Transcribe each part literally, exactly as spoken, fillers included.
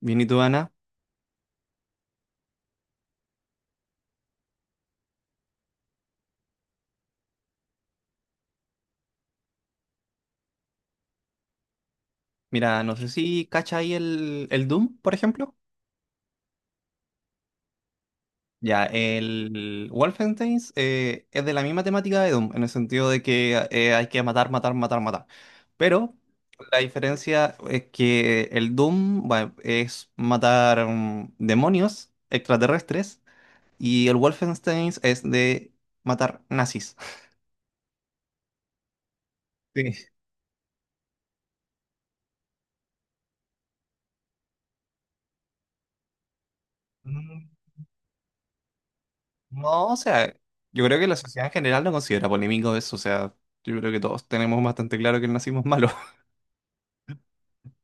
Bien, ¿y tú, Ana? Mira, no sé si cacha ahí el, el Doom, por ejemplo. Ya, el Wolfenstein eh, es de la misma temática de Doom, en el sentido de que eh, hay que matar, matar, matar, matar. Pero la diferencia es que el Doom, bueno, es matar mm, demonios extraterrestres, y el Wolfenstein es de matar nazis. Sí. No, o sea, yo creo que la sociedad en general no considera polémico eso. O sea, yo creo que todos tenemos bastante claro que nacimos malos.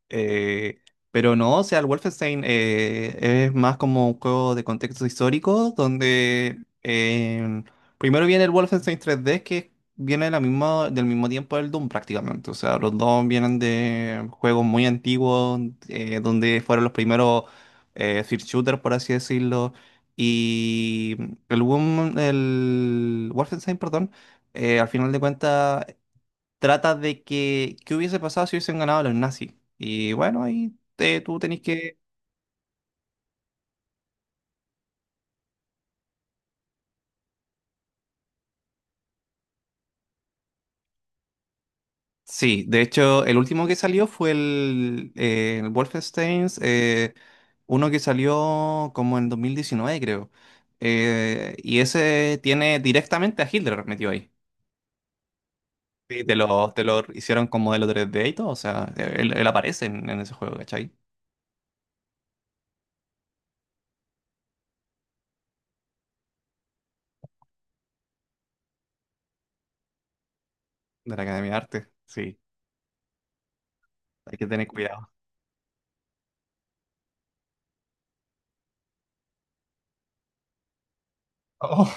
Eh, pero no, o sea, el Wolfenstein eh, es más como un juego de contexto histórico, donde eh, primero viene el Wolfenstein tres D, que viene de la misma, del mismo tiempo del Doom prácticamente. O sea, los dos vienen de juegos muy antiguos, eh, donde fueron los primeros eh, first shooter, por así decirlo. Y el, Wom- el Wolfenstein, perdón, eh, al final de cuentas trata de que ¿qué hubiese pasado si hubiesen ganado los nazis? Y bueno, ahí te- tú tenés que... Sí, de hecho, el último que salió fue el, eh, el Wolfenstein, eh, uno que salió como en dos mil diecinueve, creo. Eh, y ese tiene directamente a Hitler metido ahí. Sí, te lo, te lo hicieron como de los d y todo. O sea, él, él aparece en, en ese juego, ¿cachai? De la Academia de Arte, sí, hay que tener cuidado. Oh,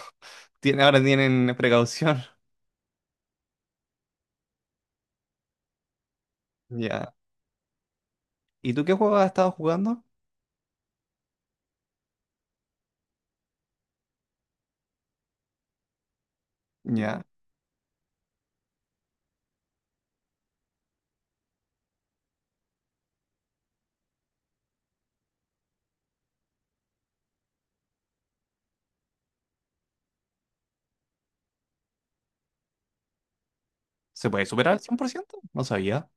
tiene, ahora tienen precaución. Ya. ¿Y tú qué juego has estado jugando? Ya. ¿Se puede superar al cien por ciento? No sabía.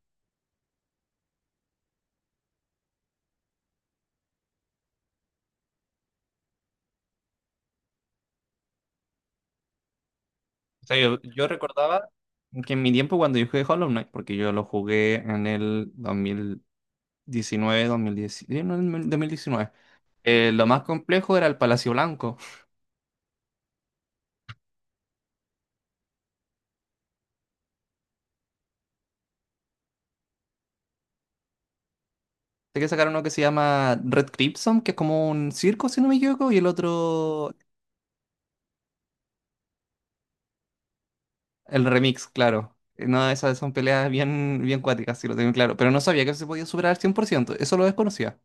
O sea, yo, yo recordaba que en mi tiempo cuando yo jugué Hollow Knight, porque yo lo jugué en el dos mil diecinueve, dos mil diecinueve, no, en el dos mil diecinueve, eh, lo más complejo era el Palacio Blanco. Sé que sacaron uno que se llama Red Crimson, que es como un circo, si no me equivoco, y el otro, el remix, claro. Eh, No, esas son peleas bien, bien cuáticas, si lo tengo claro. Pero no sabía que se podía superar al cien por ciento. Eso lo desconocía.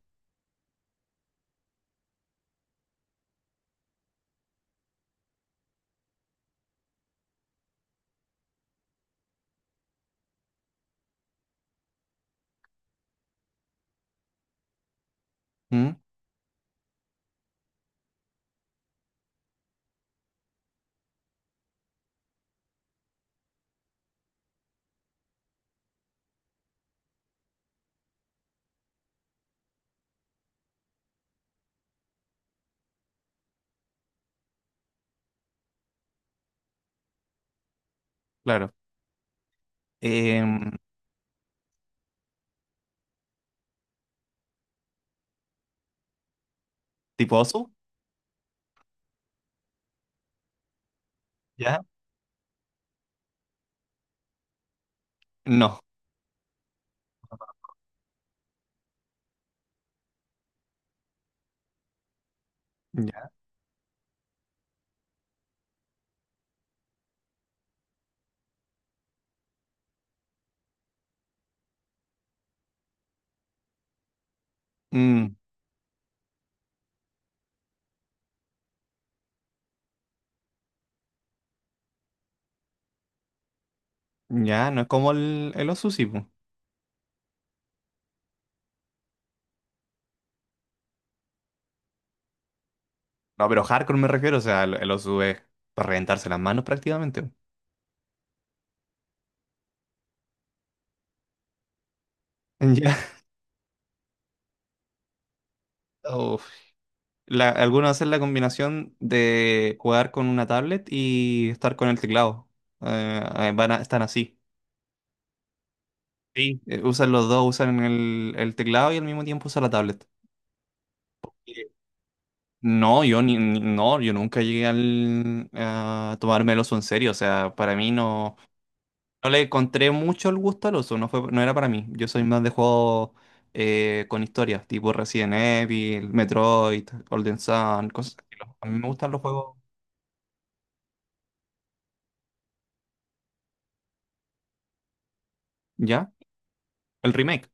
Mm. Claro. Em. ¿Tipo osu? ¿Ya? No. Ya. Mm, ya, no es como el, el osu, sí, po. No, pero hardcore me refiero. O sea, el, el osu es para reventarse las manos prácticamente. Po. Ya. Uf. La, algunos hacen la combinación de jugar con una tablet y estar con el teclado. Eh, eh, van a- están así. Sí. Eh, usan los dos, usan el, el teclado y al mismo tiempo usan la tablet. Sí. No, yo ni, ni- no, yo nunca llegué al, a tomarme el oso en serio. O sea, para mí no. No le encontré mucho el gusto al uso, no fue, no era para mí. Yo soy más de juegos eh, con historias, tipo Resident Evil, Metroid, Golden Sun, cosas así. A mí me gustan los juegos. ¿Ya? El remake.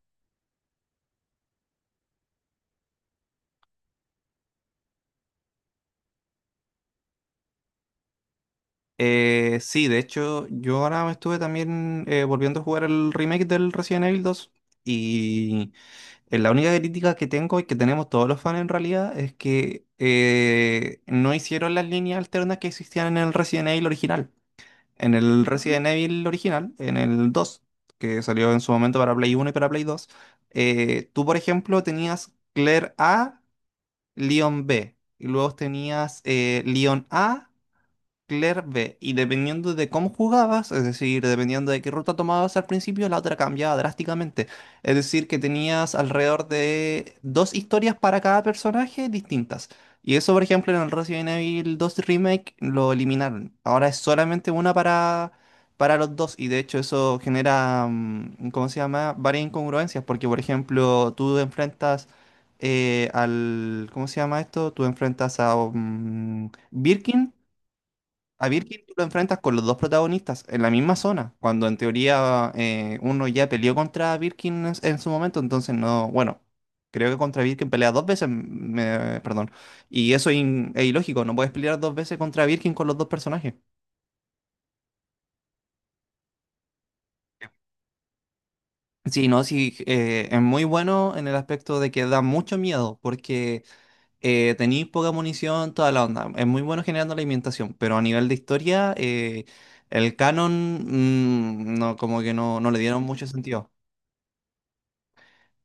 Eh, sí, de hecho, yo ahora me estuve también eh, volviendo a jugar el remake del Resident Evil dos. Y eh, la única crítica que tengo y que tenemos todos los fans en realidad es que eh, no hicieron las líneas alternas que existían en el Resident Evil original. En el Resident Evil original, en el dos que salió en su momento para Play uno y para Play Dos, eh, tú, por ejemplo, tenías Claire A, Leon B, y luego tenías eh, Leon A. Clear B. Y dependiendo de cómo jugabas, es decir, dependiendo de qué ruta tomabas al principio, la otra cambiaba drásticamente. Es decir, que tenías alrededor de dos historias para cada personaje distintas. Y eso, por ejemplo, en el Resident Evil dos Remake lo eliminaron. Ahora es solamente una para, para los dos. Y de hecho eso genera, mm, ¿cómo se llama? Varias incongruencias. Porque, por ejemplo, tú enfrentas eh, al... ¿Cómo se llama esto? Tú enfrentas a mm, Birkin. A Birkin tú lo enfrentas con los dos protagonistas en la misma zona, cuando en teoría eh, uno ya peleó contra Birkin en, en su momento, entonces no, bueno, creo que contra Birkin pelea dos veces, me- perdón, y eso es in- es ilógico, no puedes pelear dos veces contra Birkin con los dos personajes. Sí, no, sí, eh, es muy bueno en el aspecto de que da mucho miedo, porque eh, tenéis poca munición, toda la onda. Es muy bueno generando la alimentación, pero a nivel de historia, eh, el canon, mm, no, como que no, no le dieron mucho sentido.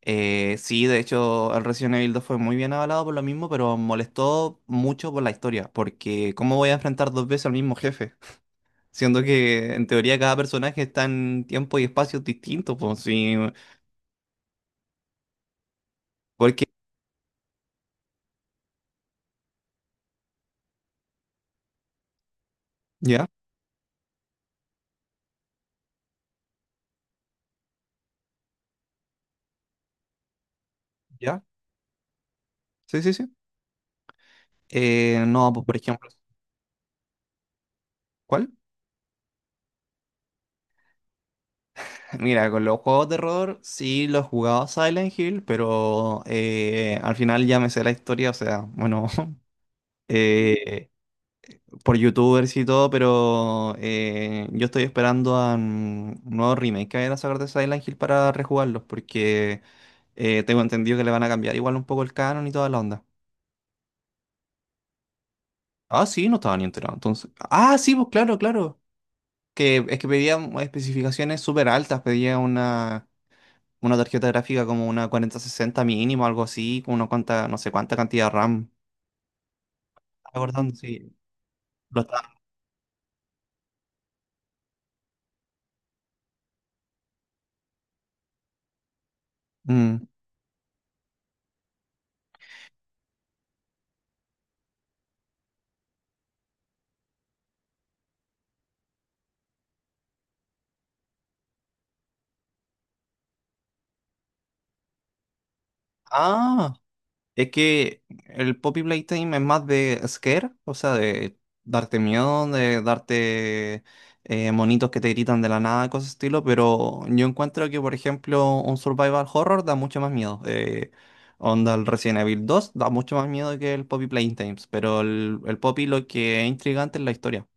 Eh, sí, de hecho, el Resident Evil dos fue muy bien avalado por lo mismo, pero molestó mucho por la historia, porque ¿cómo voy a enfrentar dos veces al mismo jefe? Siendo que en teoría cada personaje está en tiempo y espacios distintos, pues sí, porque... Ya, ya, sí, sí, sí. Eh, no, pues por ejemplo, ¿cuál? Mira, con los juegos de terror sí los jugaba Silent Hill, pero eh, al final ya me sé la historia. O sea, bueno, eh, por YouTubers y todo, pero eh, yo estoy esperando a un nuevo remake que vayan a sacar de Silent Hill para rejugarlos, porque eh, tengo entendido que le van a cambiar igual un poco el canon y toda la onda. Ah, sí, no estaba ni enterado, entonces. Ah, sí, pues claro, claro. Que es que pedía especificaciones súper altas, pedía una una tarjeta gráfica como una cuarenta sesenta mínimo, algo así, con una cuanta, no sé cuánta cantidad de RAM. Acordando, sí. Lo está. Mm. Ah, es que el Poppy Playtime es más de scare. O sea, de darte miedo, de darte eh, monitos que te gritan de la nada, cosas de estilo, pero yo encuentro que, por ejemplo, un survival horror da mucho más miedo. Eh, Onda, el Resident Evil dos da mucho más miedo que el Poppy Playtime, pero el, el Poppy lo que es intrigante es la historia.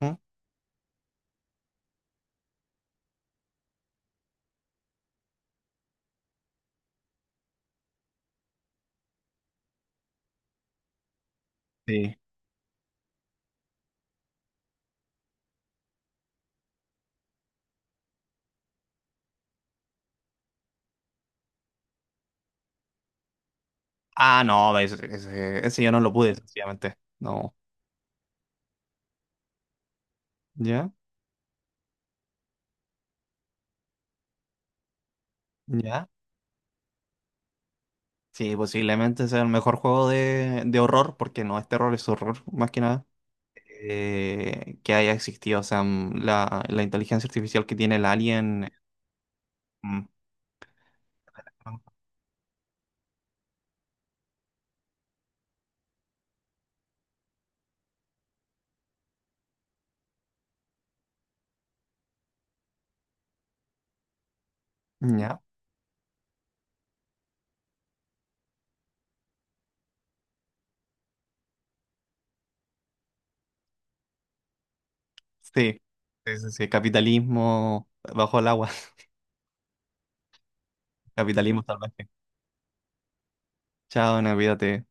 ¿Mm? Sí. Ah, no, ese, ese- ese yo no lo pude, sencillamente. No. ¿Ya? ¿Ya? Sí, posiblemente sea el mejor juego de, de horror, porque no es terror, es horror, más que nada, eh, que haya existido. O sea, mm, la, la inteligencia artificial que tiene el alien. Mm. ¿Ya? Sí. Sí, sí, sí. Capitalismo bajo el agua. Capitalismo salvaje. Chao, no, olvídate.